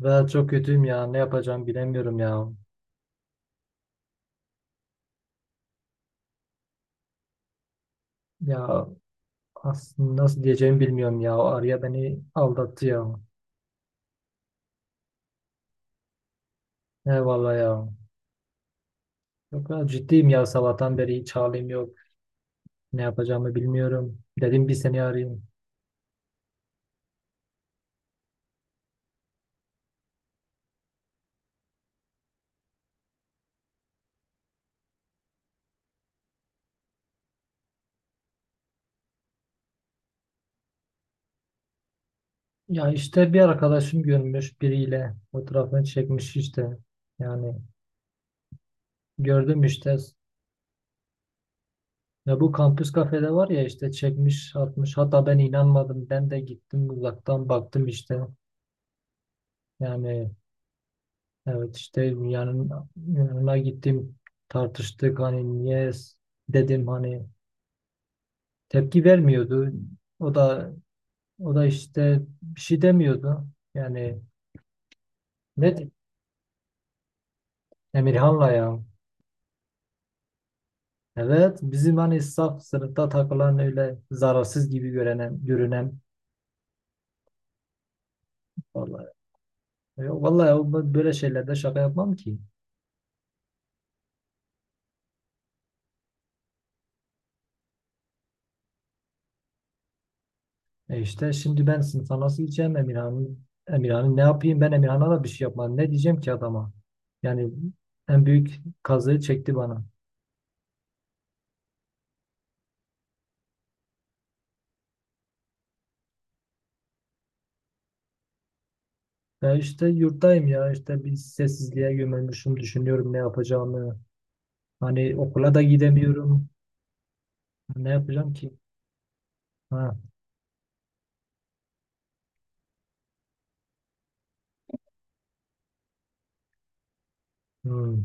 Ve çok kötüyüm ya. Ne yapacağım bilemiyorum ya. Ya aslında nasıl diyeceğimi bilmiyorum ya. O Arya beni aldattı ya. Eyvallah ya. Çok ya, ciddiyim ya. Sabahtan beri hiç halim yok. Ne yapacağımı bilmiyorum. Dedim bir seni arayayım. Ya işte bir arkadaşım görmüş biriyle. Fotoğrafını çekmiş işte. Yani gördüm işte. Ya bu kampüs kafede var ya, işte çekmiş atmış. Hatta ben inanmadım. Ben de gittim uzaktan baktım işte. Yani. Evet, işte yanına gittim, tartıştık, hani niye dedim, hani tepki vermiyordu. O da o da işte bir şey demiyordu. Yani. ne de- Emirhan'la ya. Evet, bizim, hani saf sınıfta takılan, öyle zararsız gibi görünen vallahi. Vallahi, ben böyle şeylerde şaka yapmam ki. E işte, şimdi ben sınıfa nasıl gideceğim? Emirhan'ın ne yapayım? Ben Emirhan'a da bir şey yapmadım. Ne diyeceğim ki adama? Yani en büyük kazığı çekti bana. Ya işte yurttayım ya, işte bir sessizliğe gömülmüşüm, düşünüyorum ne yapacağımı. Hani okula da gidemiyorum. Ne yapacağım ki? Ha. Hmm,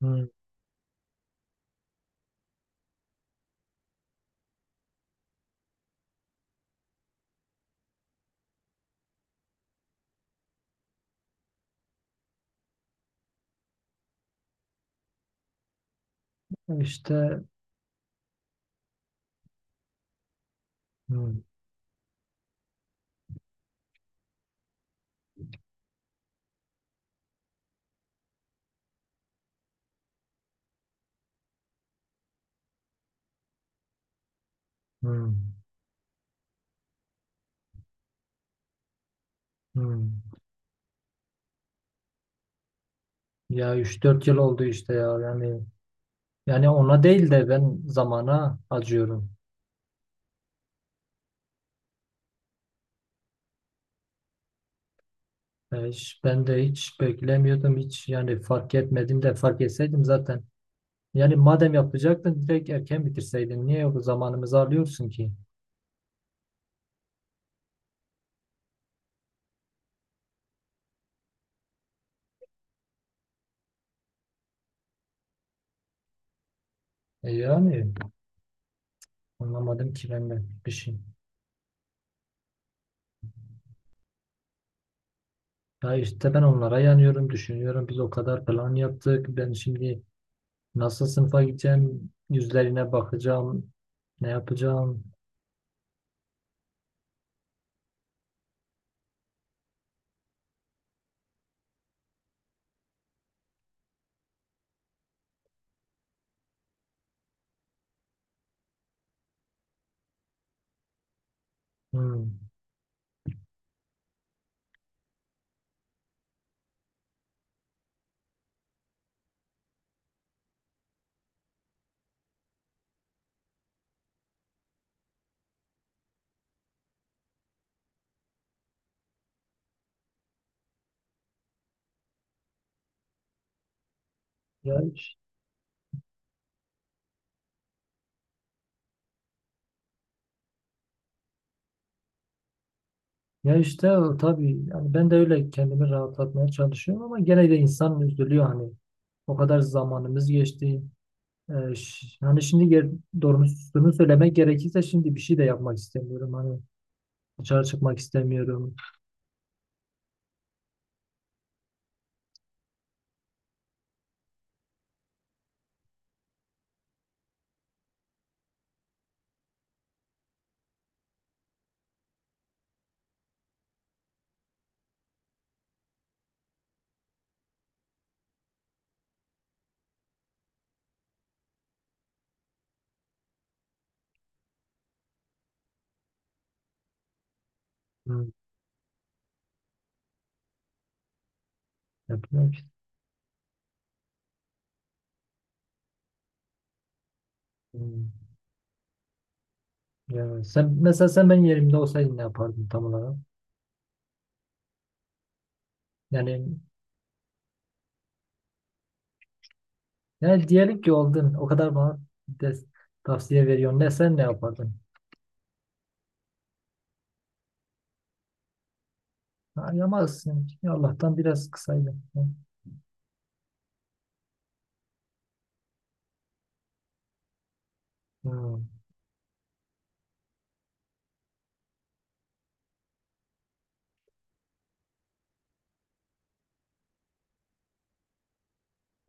hmm. İşte, hmm, hmm, hmm. Ya 3-4 yıl oldu işte ya, yani ona değil de ben zamana acıyorum. Ben de hiç beklemiyordum, hiç, yani fark etmedim de, fark etseydim zaten. Yani madem yapacaktın, direkt erken bitirseydin. Niye o zamanımızı alıyorsun ki? Yani anlamadım ki ben de bir şey. Ya işte ben onlara yanıyorum, düşünüyorum. Biz o kadar plan yaptık. Ben şimdi nasıl sınıfa gideceğim? Yüzlerine bakacağım. Ne yapacağım? Hmm. Ya. İşte o tabii, yani ben de öyle kendimi rahatlatmaya çalışıyorum ama gene de insan üzülüyor hani. O kadar zamanımız geçti. Hani şimdi, doğrusunu söylemek gerekirse, şimdi bir şey de yapmak istemiyorum. Hani dışarı çıkmak istemiyorum. Hmm. Yapmak istemiyorum. Ya sen mesela, sen benim yerimde olsaydın ne yapardın tam olarak? Yani, diyelim ki oldun. O kadar bana des- tavsiye veriyorsun. Sen ne yapardın? Ha, yamazsın. Allah'tan biraz kısaydın. Hmm.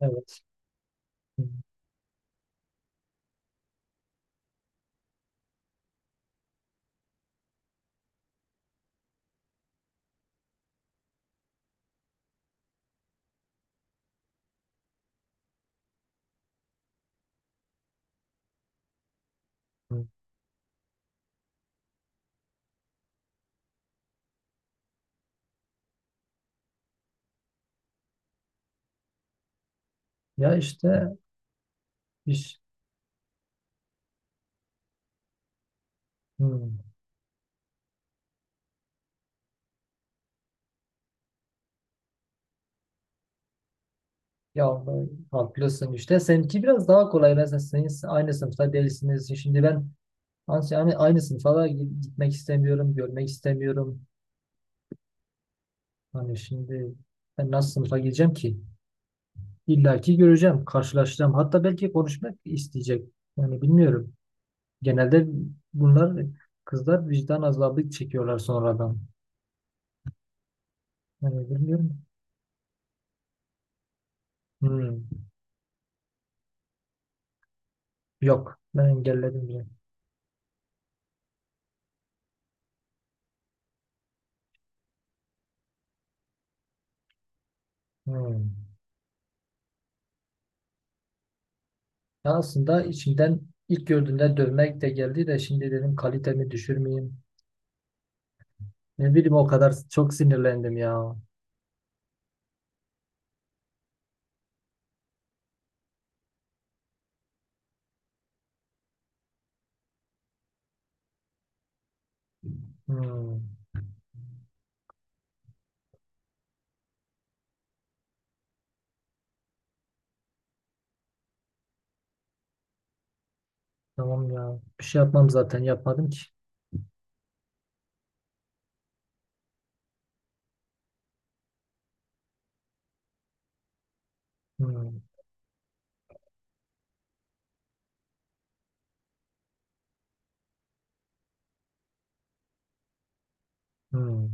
Evet. Hmm. Ya işte. iş hmm. Ya, haklısın işte. Seninki biraz daha kolay, mesela senin aynı sınıfta değilsiniz. Şimdi ben, yani, aynı sınıfa da gitmek istemiyorum, görmek istemiyorum. Hani şimdi ben nasıl sınıfa gideceğim ki? İlla ki göreceğim, karşılaşacağım, hatta belki konuşmak isteyecek. Yani bilmiyorum, genelde bunlar, kızlar vicdan azabı çekiyorlar sonradan. Yani bilmiyorum. Hmm. Yok, ben engelledim bile. Hmm. Ya aslında içimden, ilk gördüğümde dövmek de geldi de, şimdi dedim kalitemi düşürmeyeyim. Ne bileyim, o kadar çok sinirlendim ya. Hmm, tamam ya. Bir şey yapmam, zaten yapmadım ki. Hmm, hmm,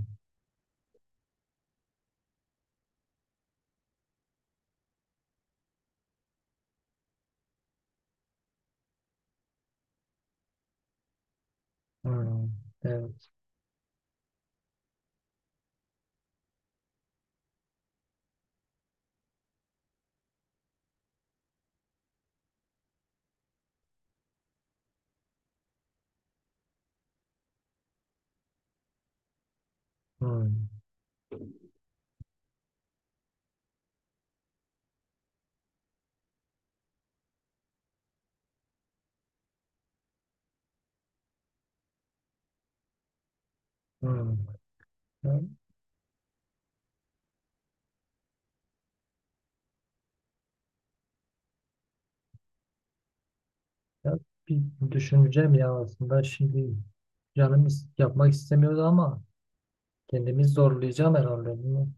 hmm, evet, hmm, hmm. Ya, ya, bir düşüneceğim ya. Aslında şimdi canım yapmak istemiyordu, ama kendimi zorlayacağım herhalde. Bilmiyorum.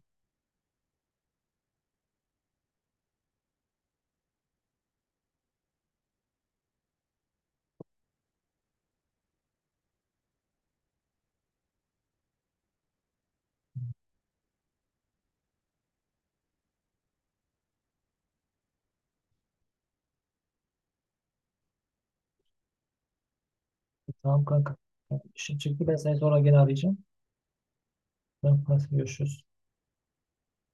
Tamam kanka. İşin çıktı, ben seni sonra gene arayacağım. Tamam, hadi görüşürüz.